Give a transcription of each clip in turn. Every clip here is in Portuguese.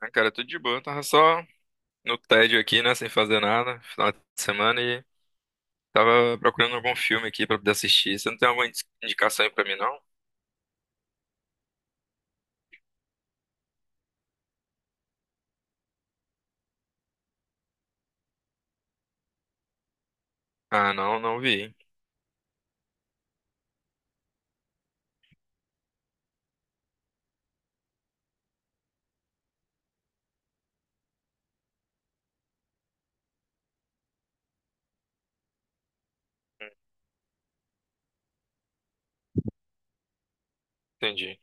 Ah, cara, tudo de boa. Tava só no tédio aqui, né? Sem fazer nada, final de semana, e tava procurando algum filme aqui pra poder assistir. Você não tem alguma indicação aí pra mim, não? Ah, não, não vi. Entendi.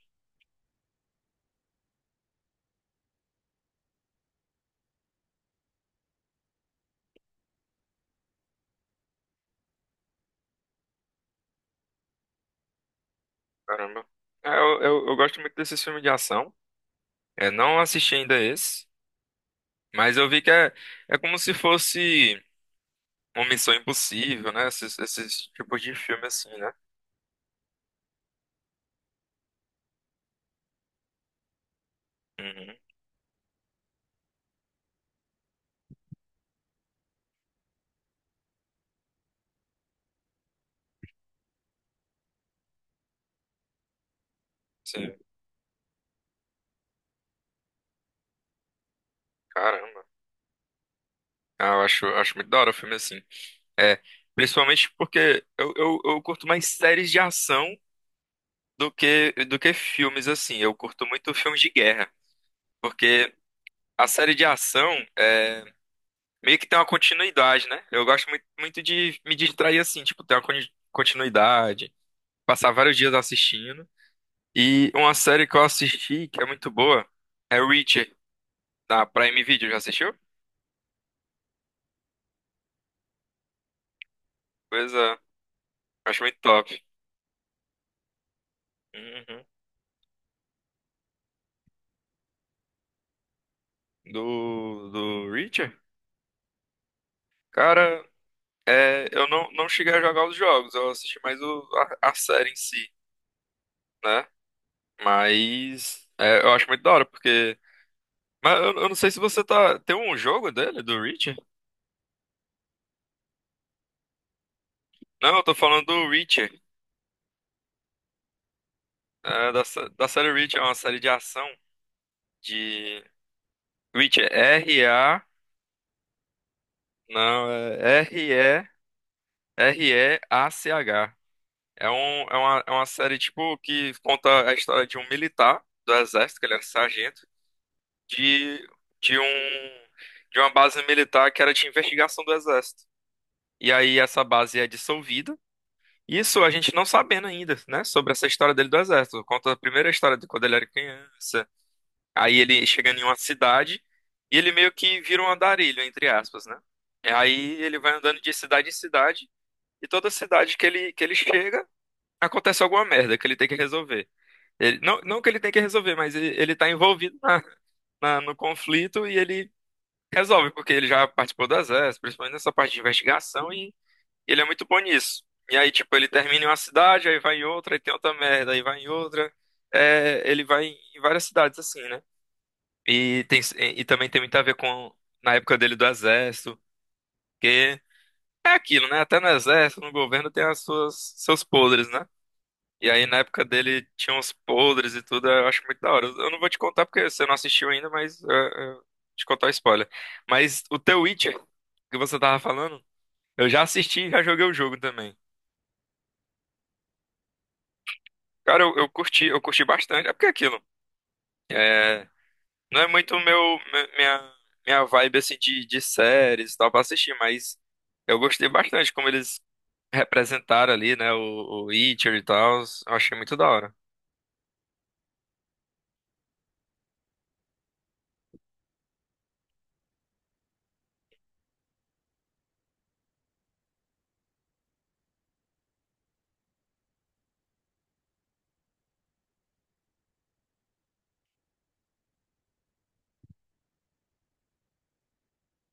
Caramba. É, eu gosto muito desses filmes de ação. É, não assisti ainda esse, mas eu vi que é como se fosse uma Missão Impossível, né? Esses tipos de filme assim, né? Uhum, sim. Caramba. Ah, eu acho muito da hora o filme assim. É, principalmente porque eu curto mais séries de ação do que filmes, assim. Eu curto muito filmes de guerra, porque a série de ação é, meio que tem uma continuidade, né? Eu gosto muito, muito de me distrair assim, tipo, ter uma continuidade, passar vários dias assistindo. E uma série que eu assisti, que é muito boa, é Reacher, da Prime Video. Já assistiu? Coisa, acho muito top. Uhum. Do Reacher? Cara. É, eu não cheguei a jogar os jogos, eu assisti mais a série em si, né? Mas é, eu acho muito da hora, porque. Mas eu não sei se você tá. Tem um jogo dele, do Reacher? Não, eu tô falando do Reacher. É, da série Reacher, é uma série de ação de. Reacher, R-A. Não, é R-E-R-E-A-C-H. É, um, é uma série, tipo, que conta a história de um militar do exército, que ele é um sargento. de, de um de uma base militar que era de investigação do Exército. E aí essa base é dissolvida. Isso a gente não sabendo ainda, né, sobre essa história dele do Exército. Conta a primeira história de quando ele era criança. Aí ele chega em uma cidade e ele meio que vira um andarilho, entre aspas, né? E aí ele vai andando de cidade em cidade e toda cidade que ele chega acontece alguma merda que ele tem que resolver. Ele, não, não que ele tem que resolver, mas ele tá envolvido no conflito e ele resolve, porque ele já participou do exército, principalmente nessa parte de investigação, e ele é muito bom nisso. E aí, tipo, ele termina em uma cidade, aí vai em outra, aí tem outra merda, aí vai em outra. É, ele vai em várias cidades, assim, né? E também tem muito a ver com na época dele do exército, que é aquilo, né? Até no exército, no governo, tem as suas, seus podres, né? E aí, na época dele, tinha uns podres e tudo, eu acho muito da hora. Eu não vou te contar porque você não assistiu ainda, mas te contar o spoiler. Mas o The Witcher, que você tava falando, eu já assisti e já joguei o jogo também. Cara, eu curti bastante. É porque é aquilo, é, não é muito meu, minha vibe, assim, de séries e tal pra assistir, mas eu gostei bastante como eles representaram ali, né, o Witcher e tal. Eu achei muito da hora.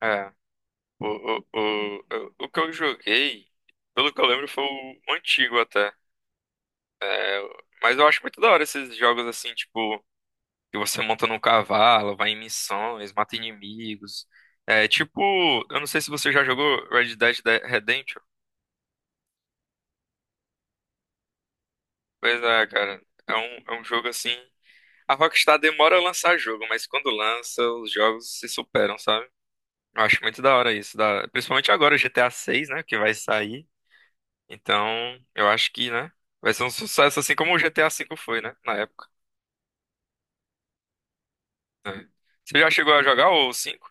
É. O, o, o, o que eu joguei, pelo que eu lembro, foi o antigo até. Mas eu acho muito da hora esses jogos assim, tipo, que você monta num cavalo, vai em missões, mata inimigos. É tipo, eu não sei se você já jogou Red Dead Redemption. Pois é, cara. É um jogo assim. A Rockstar demora a lançar jogo, mas quando lança, os jogos se superam, sabe? Eu acho muito da hora isso. Principalmente agora o GTA VI, né? Que vai sair. Então, eu acho que, né? Vai ser um sucesso assim como o GTA V foi, né? Na época. Né? Você já chegou a jogar o cinco?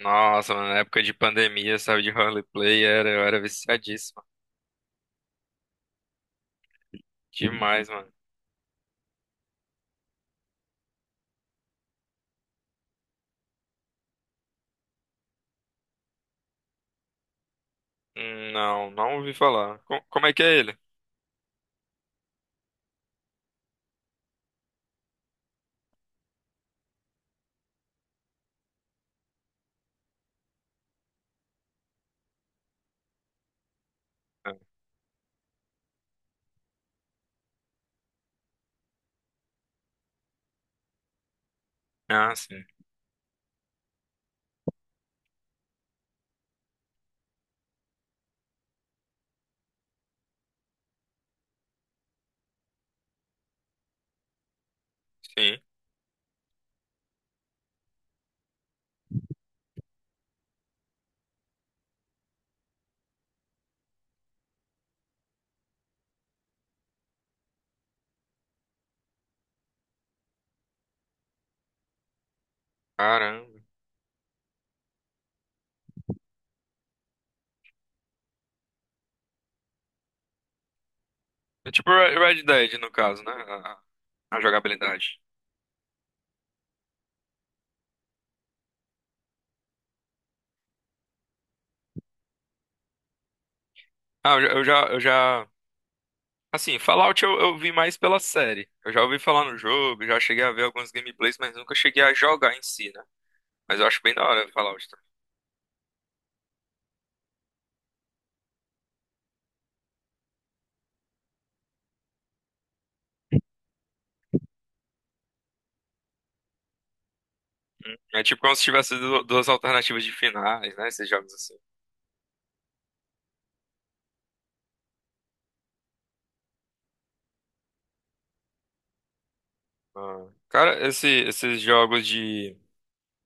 Nossa, mano, na época de pandemia, sabe, de roleplay, eu era viciadíssima. Demais, mano. Não, não ouvi falar. Como é que é ele? Ah, sim. Sim. Caramba. É tipo Red Dead, no caso, né? A jogabilidade. Ah. Assim, Fallout eu vi mais pela série. Eu já ouvi falar no jogo, já cheguei a ver alguns gameplays, mas nunca cheguei a jogar em si, né? Mas eu acho bem da hora Fallout. Tá? É tipo como se tivesse duas alternativas de finais, né? Esses jogos assim. Ah, cara, esses jogos de,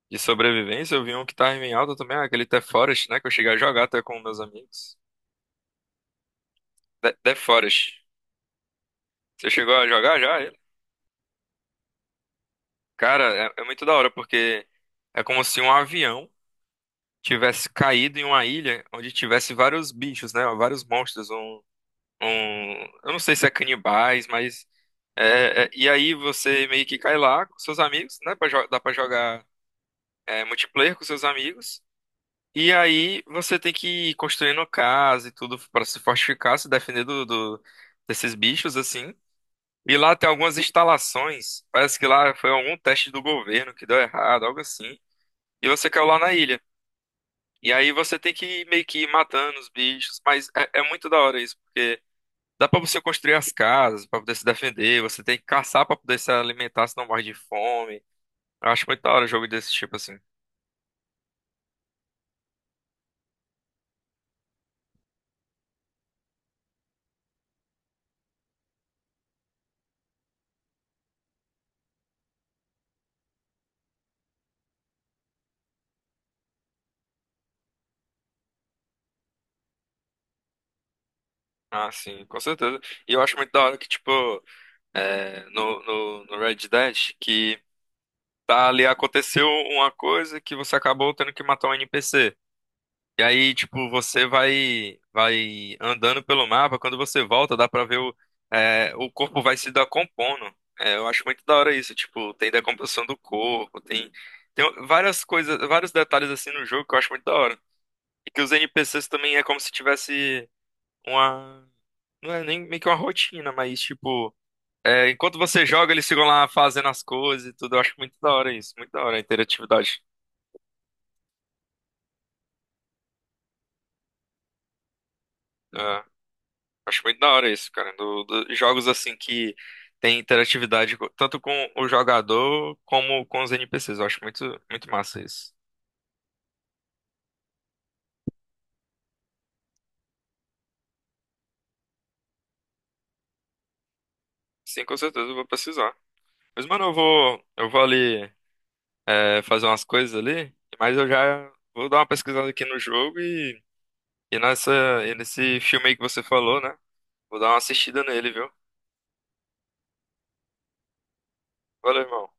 de sobrevivência, eu vi um que tá em alta também, ah, aquele The Forest, né? Que eu cheguei a jogar até com meus amigos. The Forest. Você chegou a jogar já? Ele? Cara, é muito da hora, porque é como se um avião tivesse caído em uma ilha onde tivesse vários bichos, né? Vários monstros. Um... Eu não sei se é canibais, mas... E aí você meio que cai lá com seus amigos, né? Dá pra jogar multiplayer com seus amigos. E aí você tem que ir construindo casa e tudo pra se fortificar, se defender desses bichos, assim. E lá tem algumas instalações. Parece que lá foi algum teste do governo que deu errado, algo assim. E você caiu lá na ilha. E aí você tem que meio que ir matando os bichos. Mas é muito da hora isso, porque dá pra você construir as casas, pra poder se defender. Você tem que caçar pra poder se alimentar, se não morre de fome. Eu acho muito da hora jogo desse tipo, assim. Ah, sim, com certeza. E eu acho muito da hora que, tipo, no Red Dead, que tá ali, aconteceu uma coisa que você acabou tendo que matar um NPC. E aí, tipo, você vai andando pelo mapa, quando você volta, dá pra ver o corpo vai se decompondo. É, eu acho muito da hora isso, tipo, tem decomposição do corpo, tem várias coisas, vários detalhes assim no jogo que eu acho muito da hora. E que os NPCs também é como se tivesse. Uma, Não é nem meio que uma rotina, mas tipo, enquanto você joga, eles ficam lá fazendo as coisas e tudo. Eu acho muito da hora isso, muito da hora a interatividade. É, acho muito da hora isso, cara. Jogos assim que tem interatividade tanto com o jogador como com os NPCs. Eu acho muito, muito massa isso. Sim, com certeza eu vou precisar. Mas, mano, eu vou ali, fazer umas coisas ali, mas eu já vou dar uma pesquisada aqui no jogo e nessa, e nesse filme aí que você falou, né? Vou dar uma assistida nele, viu? Valeu, irmão.